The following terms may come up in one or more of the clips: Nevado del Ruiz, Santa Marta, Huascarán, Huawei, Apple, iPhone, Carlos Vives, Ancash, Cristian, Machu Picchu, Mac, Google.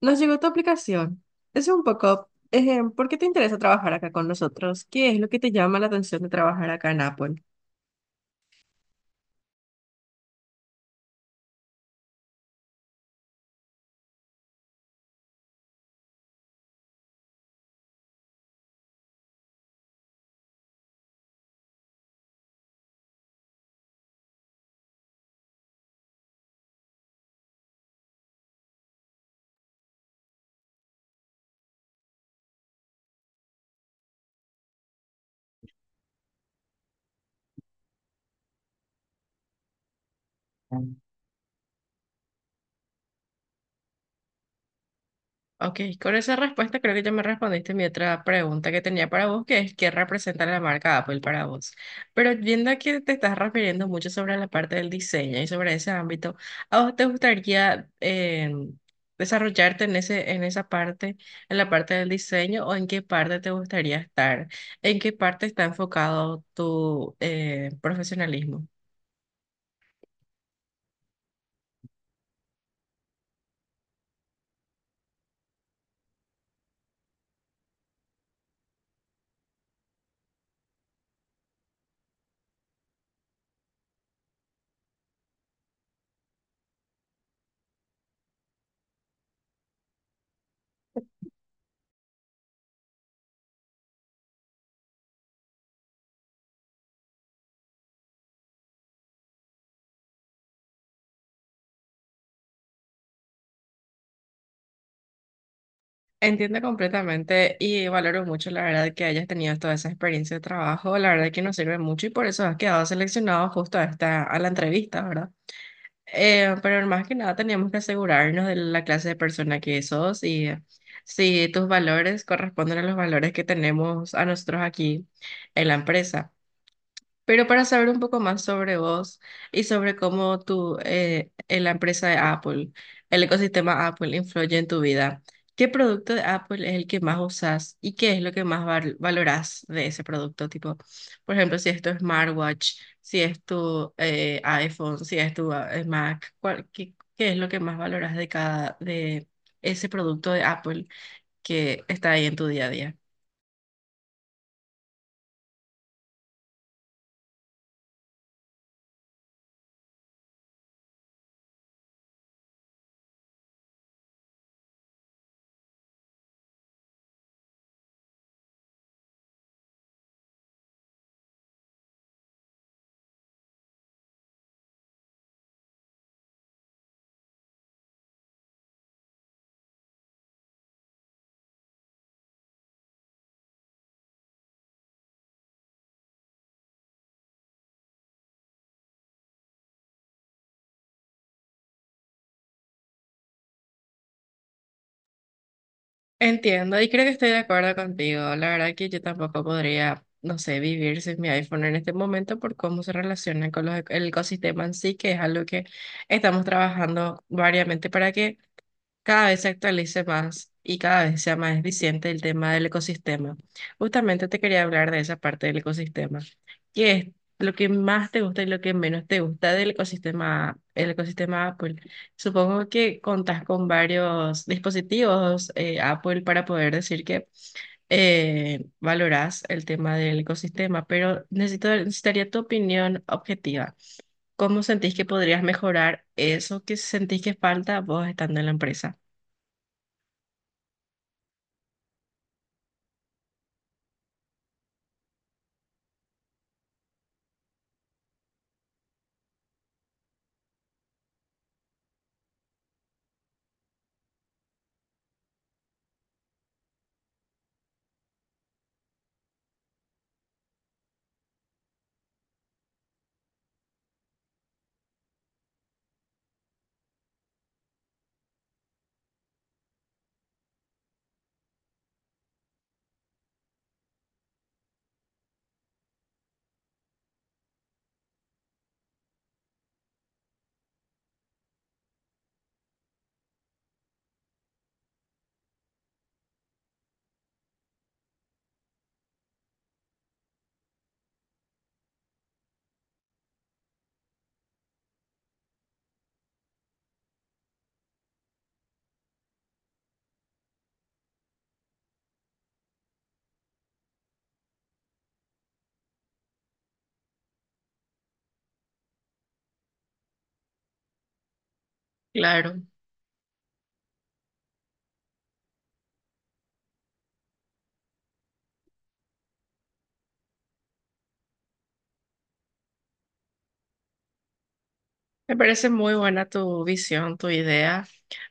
Nos llegó tu aplicación. Es un poco, ¿por qué te interesa trabajar acá con nosotros? ¿Qué es lo que te llama la atención de trabajar acá en Apple? Ok, con esa respuesta creo que ya me respondiste mi otra pregunta que tenía para vos, que es qué representa la marca Apple para vos. Pero viendo que te estás refiriendo mucho sobre la parte del diseño y sobre ese ámbito, ¿a vos te gustaría desarrollarte en en esa parte, en la parte del diseño, o en qué parte te gustaría estar? ¿En qué parte está enfocado tu profesionalismo? Entiendo completamente y valoro mucho la verdad que hayas tenido toda esa experiencia de trabajo, la verdad que nos sirve mucho y por eso has quedado seleccionado justo a a la entrevista, ¿verdad? Pero más que nada teníamos que asegurarnos de la clase de persona que sos y si tus valores corresponden a los valores que tenemos a nosotros aquí en la empresa. Pero para saber un poco más sobre vos y sobre cómo en la empresa de Apple, el ecosistema Apple influye en tu vida, ¿qué producto de Apple es el que más usas y qué es lo que más valorás de ese producto? Tipo, por ejemplo, si es tu smartwatch, si es tu iPhone, si es tu Mac, qué es lo que más valoras de de ese producto de Apple que está ahí en tu día a día? Entiendo y creo que estoy de acuerdo contigo. La verdad que yo tampoco podría, no sé, vivir sin mi iPhone en este momento por cómo se relaciona con el ecosistema en sí, que es algo que estamos trabajando variamente para que cada vez se actualice más y cada vez sea más eficiente el tema del ecosistema. Justamente te quería hablar de esa parte del ecosistema. ¿Qué es lo que más te gusta y lo que menos te gusta del ecosistema, el ecosistema Apple? Supongo que contás con varios dispositivos Apple para poder decir que valorás el tema del ecosistema, pero necesitaría tu opinión objetiva. ¿Cómo sentís que podrías mejorar eso que sentís que falta vos estando en la empresa? Claro, me parece muy buena tu visión, tu idea.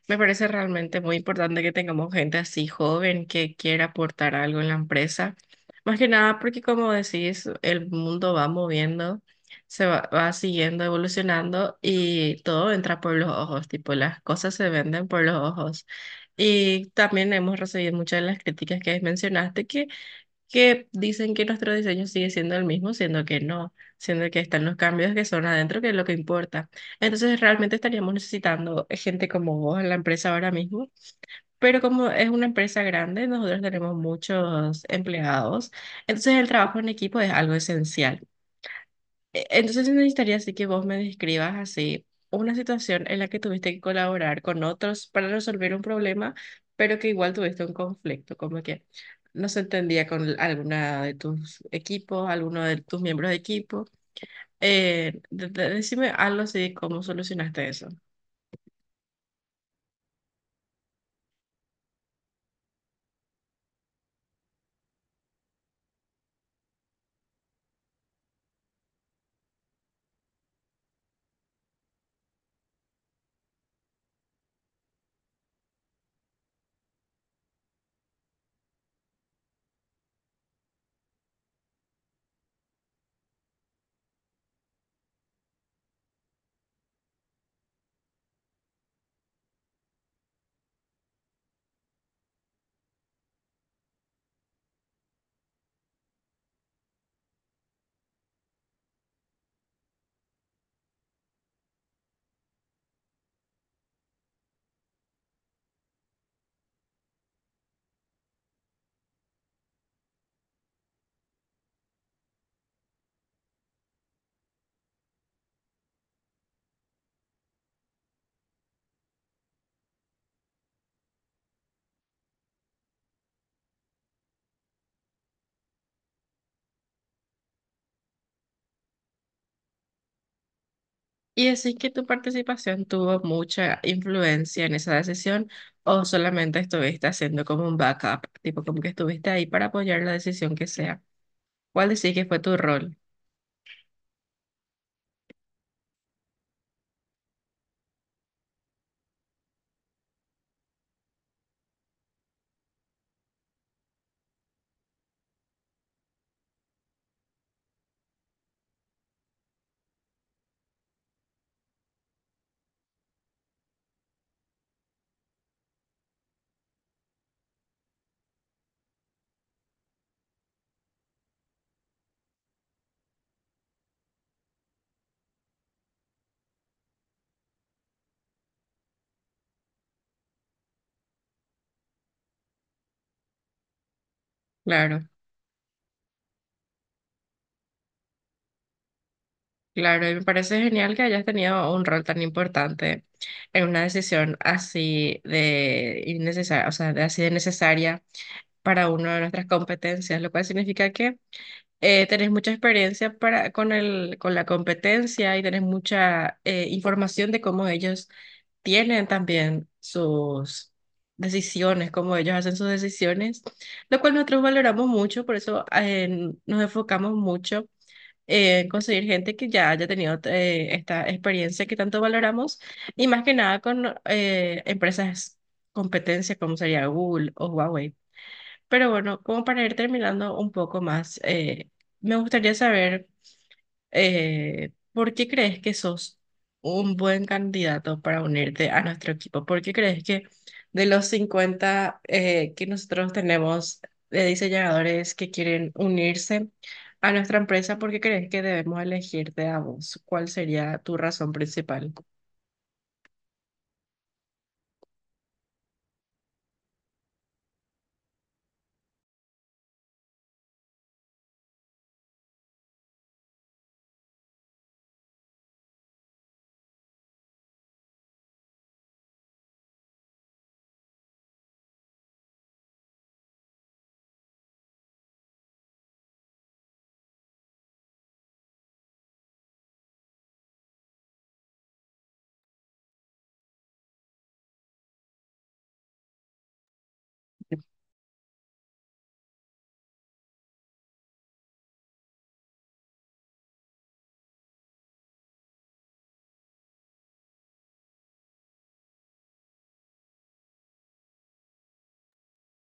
Me parece realmente muy importante que tengamos gente así joven que quiera aportar algo en la empresa. Más que nada porque como decís, el mundo va moviendo, va siguiendo evolucionando y todo entra por los ojos, tipo las cosas se venden por los ojos. Y también hemos recibido muchas de las críticas que mencionaste, que dicen que nuestro diseño sigue siendo el mismo, siendo que no, siendo que están los cambios que son adentro, que es lo que importa. Entonces, realmente estaríamos necesitando gente como vos en la empresa ahora mismo, pero como es una empresa grande, nosotros tenemos muchos empleados, entonces el trabajo en equipo es algo esencial. Entonces necesitaría así que vos me describas así una situación en la que tuviste que colaborar con otros para resolver un problema, pero que igual tuviste un conflicto, como que no se entendía con alguna de tus equipos, alguno de tus miembros de equipo. Decime algo así, de ¿cómo solucionaste eso? ¿Y decís que tu participación tuvo mucha influencia en esa decisión o solamente estuviste haciendo como un backup, tipo como que estuviste ahí para apoyar la decisión que sea? ¿Cuál decís que fue tu rol? Claro, claro, y me parece genial que hayas tenido un rol tan importante en una decisión así de innecesaria, o sea, de así de necesaria para una de nuestras competencias, lo cual significa que tenés mucha experiencia con la competencia y tenés mucha información de cómo ellos tienen también sus decisiones, cómo ellos hacen sus decisiones, lo cual nosotros valoramos mucho, por eso nos enfocamos mucho conseguir gente que ya haya tenido esta experiencia que tanto valoramos y más que nada con empresas competencia como sería Google o Huawei. Pero bueno, como para ir terminando un poco más, me gustaría saber... ¿Por qué crees que sos un buen candidato para unirte a nuestro equipo? ¿Por qué crees que de los 50 que nosotros tenemos de diseñadores que quieren unirse a nuestra empresa, por qué crees que debemos elegirte a vos? ¿Cuál sería tu razón principal?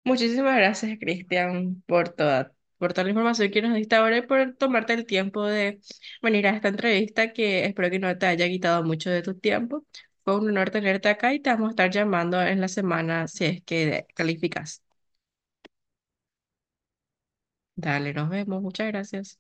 Muchísimas gracias, Cristian, por toda la información que nos diste ahora y por tomarte el tiempo de venir a esta entrevista que espero que no te haya quitado mucho de tu tiempo. Fue un honor tenerte acá y te vamos a estar llamando en la semana si es que calificas. Dale, nos vemos. Muchas gracias.